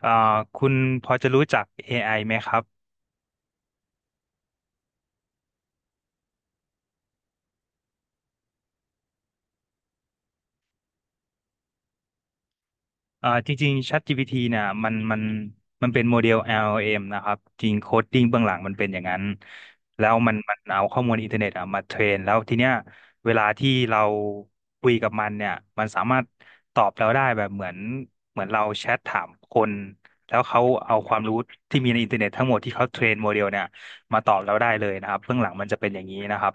เอ่อคุณพอจะรู้จัก AI ไอไหมครับจริงๆ ChatGPT เนี่ยมันเป็นโมเดล LLM นะครับจริงโคดดิ้งเบื้องหลังมันเป็นอย่างนั้นแล้วมันมันเอาข้อมูลอินเทอร์เน็ตอะมาเทรนแล้วทีเนี้ยเวลาที่เราคุยกับมันเนี่ยมันสามารถตอบเราได้แบบเหมือนเราแชทถามคนแล้วเขาเอาความรู้ที่มีในอินเทอร์เน็ตทั้งหมดที่เขาเทรนโมเดลเนี่ยมาตอบเราได้เลยนะครับเบื้องหลังมันจะเป็นอย่างนี้นะครับ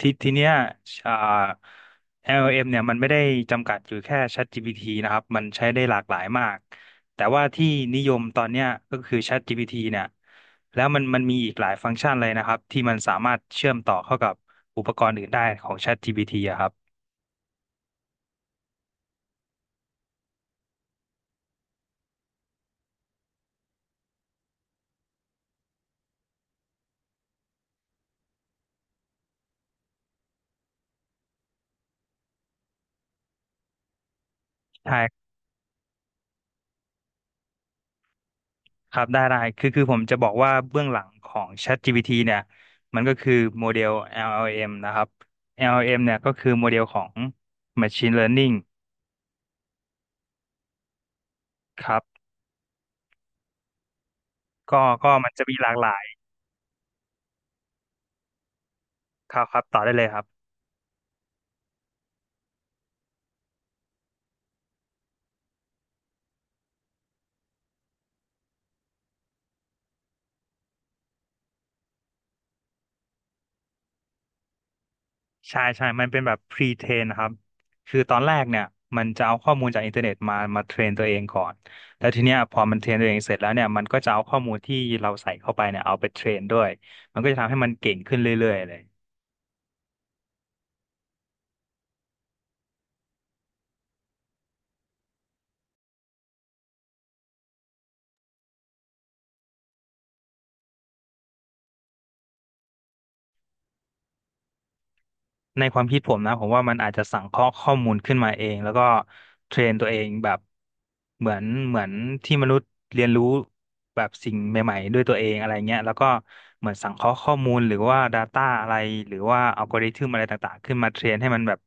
เนี้ยอ่า LLM เอ็มเนี่ยมันไม่ได้จำกัดอยู่แค่ ChatGPT นะครับมันใช้ได้หลากหลายมากแต่ว่าที่นิยมตอนเนี้ยก็คือ ChatGPT เนี่ยแล้วมันมันมีอีกหลายฟังก์ชันเลยนะครับที่มันสามารถเชื่อมต่อเข้ากับอุปกรณ์อื่นได้ของ ChatGPT อะครับใช่ครับได้คือผมจะบอกว่าเบื้องหลังของ ChatGPT เนี่ยมันก็คือโมเดล LLM นะครับ LLM เอ็มเนี่ยก็คือโมเดลของ Machine Learning ครับก็มันจะมีหลากหลาย ครับครับต่อได้เลยครับใช่ใช่มันเป็นแบบ pre-train นะครับคือตอนแรกเนี่ยมันจะเอาข้อมูลจากอินเทอร์เน็ตมาเทรนตัวเองก่อนแล้วทีเนี้ยพอมันเทรนตัวเองเสร็จแล้วเนี่ยมันก็จะเอาข้อมูลที่เราใส่เข้าไปเนี่ยเอาไปเทรนด้วยมันก็จะทำให้มันเก่งขึ้นเรื่อยๆเลย ในความคิดผมนะผมว่ามันอาจจะสังเคราะห์ข้อมูลขึ้นมาเองแล้วก็เทรนตัวเองแบบเหมือนที่มนุษย์เรียนรู้แบบสิ่งใหม่ๆด้วยตัวเองอะไรเงี้ยแล้วก็เหมือนสังเคราะห์ข้อมูลหรือว่า Data อะไรหรือว่าอัลกอริทึมอะไรต่างๆขึ้นมาเทรนให้มันแบบ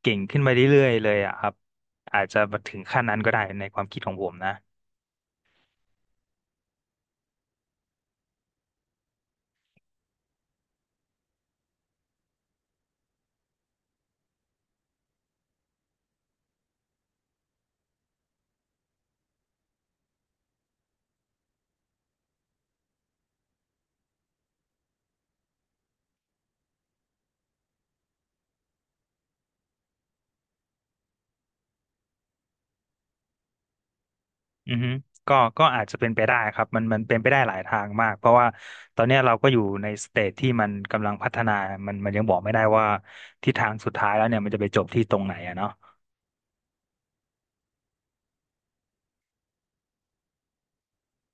เก่งขึ้นมาเรื่อยๆเลยอะครับอาจจะถึงขั้นนั้นก็ได้ในความคิดของผมนะ อือฮึก็อาจจะเป็นไปได้ครับมันเป็นไปได้หลายทางมากเพราะว่าตอนเนี้ยเราก็อยู่ในสเตจที่มันกำลังพัฒนามันยังบอกไม่ได้ว่าทิศทางสุดท้ายแล้วเนี่ยมันจะไปจบที่ตรงไหนอะเนาะ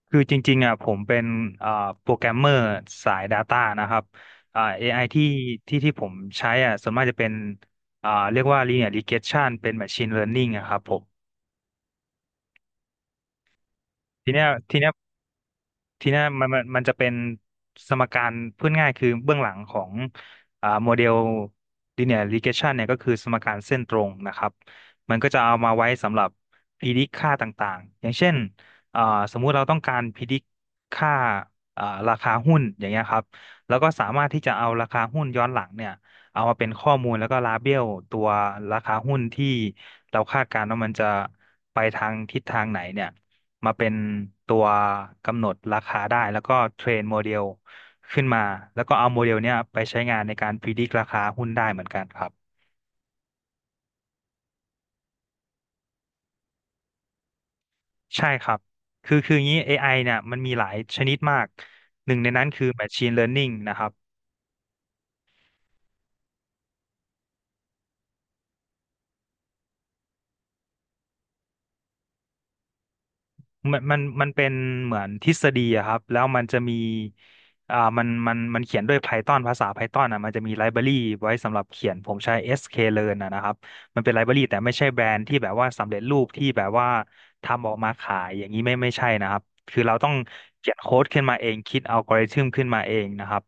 คือจริงๆอ่ะผมเป็นเอ่อโปรแกรมเมอร์สาย Data นะครับAI ที่ผมใช้อ่ะส่วนมากจะเป็นเรียกว่า Linear Regression เป็น Machine Learning อะครับผมทีเนี้ย ทีเนี้ยมันจะเป็นสมการพูดง่ายคือเบื้องหลังของโมเดล linear regression เนี่ยก็คือสมการเส้นตรงนะครับมันก็จะเอามาไว้สำหรับ predict ค่าต่างๆอย่างเช่นอ่าสมมุติเราต้องการ predict ค่าอ่าราคาหุ้นอย่างเงี้ยครับแล้วก็สามารถที่จะเอาราคาหุ้นย้อนหลังเนี่ยเอามาเป็นข้อมูลแล้วก็ลาเบลตัวราคาหุ้นที่เราคาดการณ์ว่ามันจะไปทางทิศทางไหนเนี่ย มาเป็นตัวกำหนดราคาได้แล้วก็เทรนโมเดลขึ้นมาแล้วก็เอาโมเดลเนี้ยไปใช้งานในการพิจิตรราคาหุ้นได้เหมือนกันครับใช่ครับคืออย่างนี้ AI เนี่ยมันมีหลายชนิดมากหนึ่งในนั้นคือ Machine Learning นะครับ มันเป็นเหมือนทฤษฎีอะครับแล้วมันจะมีมันเขียนด้วย Python ภาษา Python อ่ะมันจะมีไลบรารีไว้สำหรับเขียนผมใช้ sklearn อสเค Learn อะนะครับมันเป็นไลบรารีแต่ไม่ใช่แบรนด์ที่แบบว่าสำเร็จรูปที่แบบว่าทำออกมาขายอย่างนี้ไม่ใช่นะครับคือเราต้องเขียนโค้ดขึ้นมาเองคิดอัลกอริทึมขึ้นมาเองนะครับ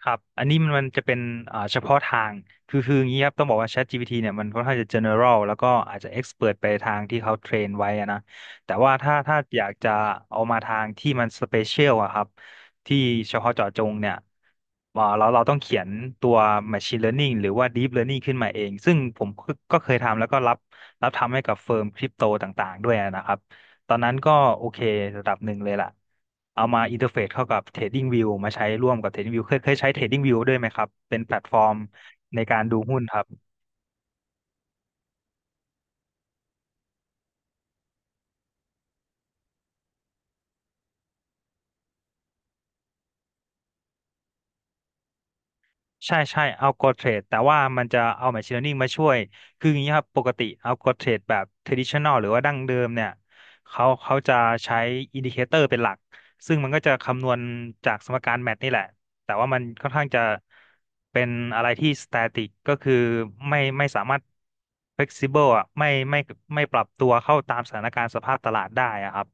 ครับ อันนี้มันจะเป็นเฉพาะทาง คืออย่างนี้ครับ ต้องบอกว่า ChatGPT เนี่ยมันค่อนข้างจะ general แล้วก็อาจจะ expert ไปทางที่เขาเทรนไว้อะนะ แต่ว่าถ้าอยากจะเอามาทางที่มัน special อะครับ ที่เฉพาะเจาะจงเนี่ยเราต้องเขียนตัว machine learning หรือว่า deep learning ขึ้นมาเอง ซึ่งผมก็เคยทำแล้วก็รับทำให้กับเฟิร์มคริปโตต่างๆ ด้วยนะครับ ตอนนั้นก็โอเคระดับหนึ่งเลยล่ะเอามาอินเทอร์เฟซเข้ากับ Trading View มาใช้ร่วมกับ Trading View เคยใช้ Trading View ด้วยไหมครับ เป็นแพลตฟอร์มในการดูหุ้นครับ ใช่ใช่เอาอร t เทรดแต่ว่ามันจะเอา Machine Learning มาช่วยคืออย่างนี้ครับปกติเอาอร t เทรดแบบ traditional หรือว่าดั้งเดิมเนี่ยเขาจะใช้อินดิเคเตอร์เป็นหลักซึ่งมันก็จะคำนวณจากสมการแมทนี่แหละแต่ว่ามันค่อนข้างจะเป็นอะไรที่ static ก็คือไม่สามารถ flexible อ่ะไม่ปรับตัวเข้าตามสถานการณ์สภาพตลาดได้อะครับ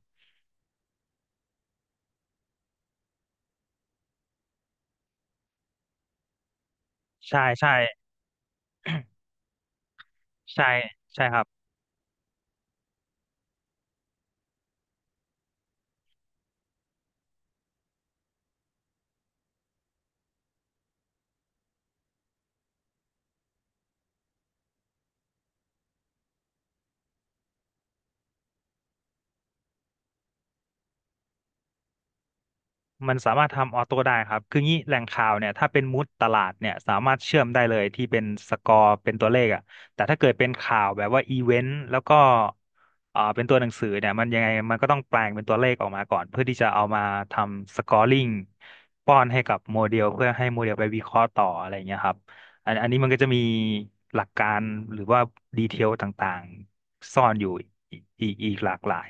ใช่ใช่ใช่ใช่ครับ มันสามารถทำออโต้ได้ครับคืองี้แหล่งข่าวเนี่ยถ้าเป็นมูดตลาดเนี่ยสามารถเชื่อมได้เลยที่เป็นสกอร์เป็นตัวเลขอ่ะแต่ถ้าเกิดเป็นข่าวแบบว่าอีเวนต์แล้วก็เป็นตัวหนังสือเนี่ยมันยังไงมันก็ต้องแปลงเป็นตัวเลขออกมาก่อนเพื่อที่จะเอามาทำสกอร์ลิงป้อนให้กับโมเดลเพื่อให้โมเดลไปวิเคราะห์ต่ออะไรอย่างเงี้ยครับอันนี้มันก็จะมีหลักการหรือว่าดีเทลต่างๆซ่อนอยู่อีกหลากหลาย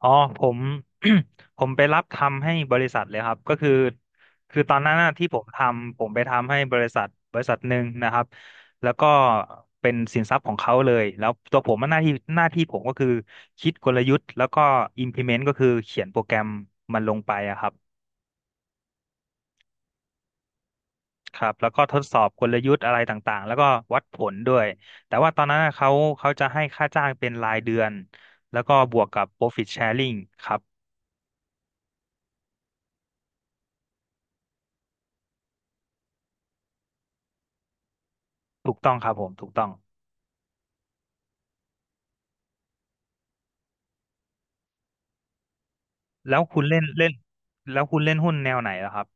อ๋อผม ผมไปรับทำให้บริษัทเลยครับก็คือคือตอนนั้นน่ะที่ผมทำผมไปทำให้บริษัทหนึ่งนะครับแล้วก็เป็นสินทรัพย์ของเขาเลยแล้วตัวผมอะหน้าที่ผมก็คือคิดกลยุทธ์แล้วก็ implement ก็คือเขียนโปรแกรมมันลงไปอะครับครับแล้วก็ทดสอบกลยุทธ์อะไรต่างๆแล้วก็วัดผลด้วยแต่ว่าตอนนั้นน่ะเขาจะให้ค่าจ้างเป็นรายเดือนแล้วก็บวกกับ profit sharing ครับถูกต้องครับผมถูกต้อง แล้วคุณเล่นเล่นแล้วคุณเล่นหุ้นแนวไหนล่ะครับ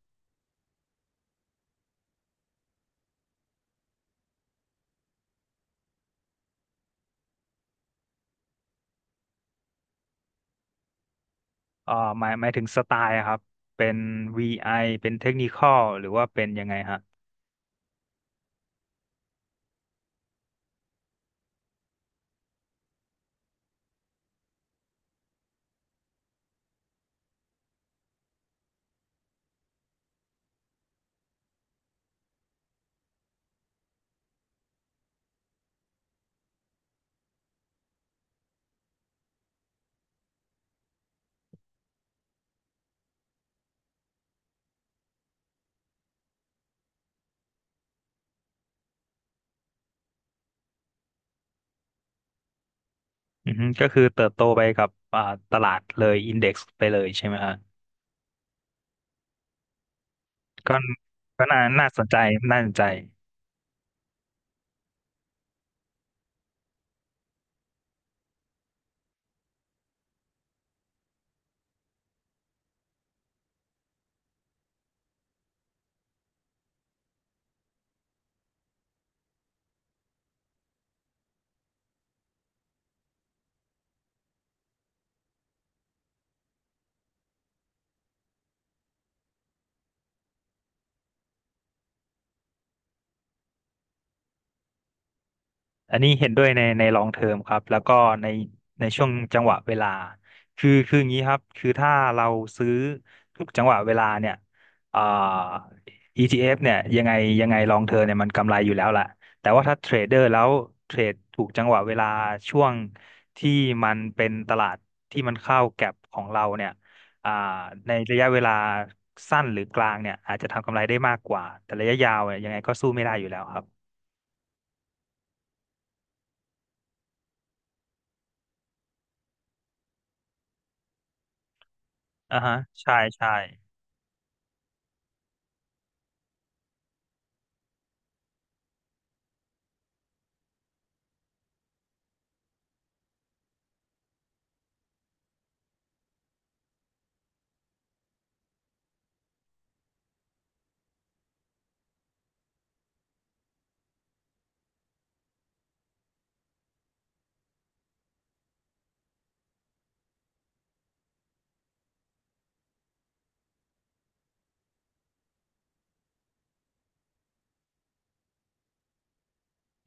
เอ่อหมายถึงสไตล์อะครับเป็น VI เป็นเทคนิคอลหรือว่าเป็นยังไงฮะอือฮึก็คือเติบโตไปกับตลาดเลยอินเด็กซ์ไปเลยใช่ไหมฮะก็ก็น่าสนใจน่าสนใจ อันนี้เห็นด้วยในในลองเทอมครับแล้วก็ในในช่วงจังหวะเวลาคืออย่างนี้ครับคือถ้าเราซื้อทุกจังหวะเวลาเนี่ยอ่า ETF เอฟเนี่ยยังไงลองเทอมเนี่ยมันกำไรอยู่แล้วแหละแต่ว่าถ้าเทรดเดอร์แล้วเทรดถูกจังหวะเวลาช่วงที่มันเป็นตลาดที่มันเข้าแก็ปของเราเนี่ยอ่าในระยะเวลาสั้นหรือกลางเนี่ยอาจจะทำกำไรได้มากกว่าแต่ระยะยาวเนี่ยยังไงก็สู้ไม่ได้อยู่แล้วครับอ่าฮะใช่ใช่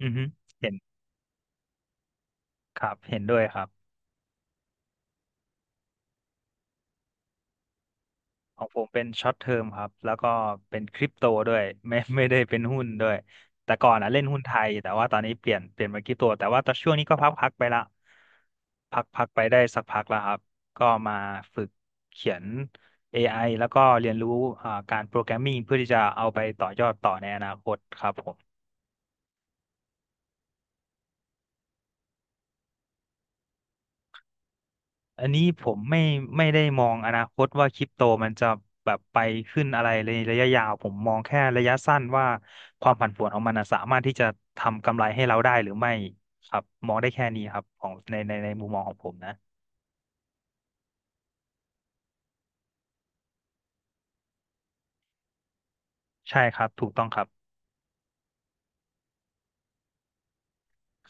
อือฮึเห็นครับเห็นด้วยครับของผมเป็นช็อตเทอมครับแล้วก็เป็นคริปโตด้วย ไม่ได้เป็นหุ้นด้วยแต่ก่อนอ่ะเล่นหุ้นไทยแต่ว่าตอนนี้เปลี่ยนมาคริปโตแต่ว่าตอนช่วงนี้ก็พักไปละพักไปได้สักพักแล้วครับก็มาฝึกเขียนเอไอแล้วก็เรียนรู้การโปรแกรมมิ่งเพื่อที่จะเอาไปต่อยอดต่อในอนาคตครับผม อันนี้ผมไม่ได้มองอนาคตว่าคริปโตมันจะแบบไปขึ้นอะไรในระยะยาวผมมองแค่ระยะสั้นว่าความผันผวนของมันน่ะสามารถที่จะทำกำไรให้เราได้หรือไม่ครับมองได้แค่นี้ครับของในในมุมมองของผมนะใช่ครับถูกต้องครับ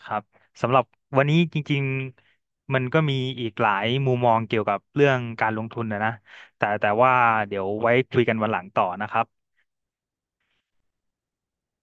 ครับสำหรับวันนี้จริงๆมันก็มีอีกหลายมุมมองเกี่ยวกับเรื่องการลงทุนนะแต่ว่าเดี๋ยวไว้คุยกันวันหลังต่อนะครับ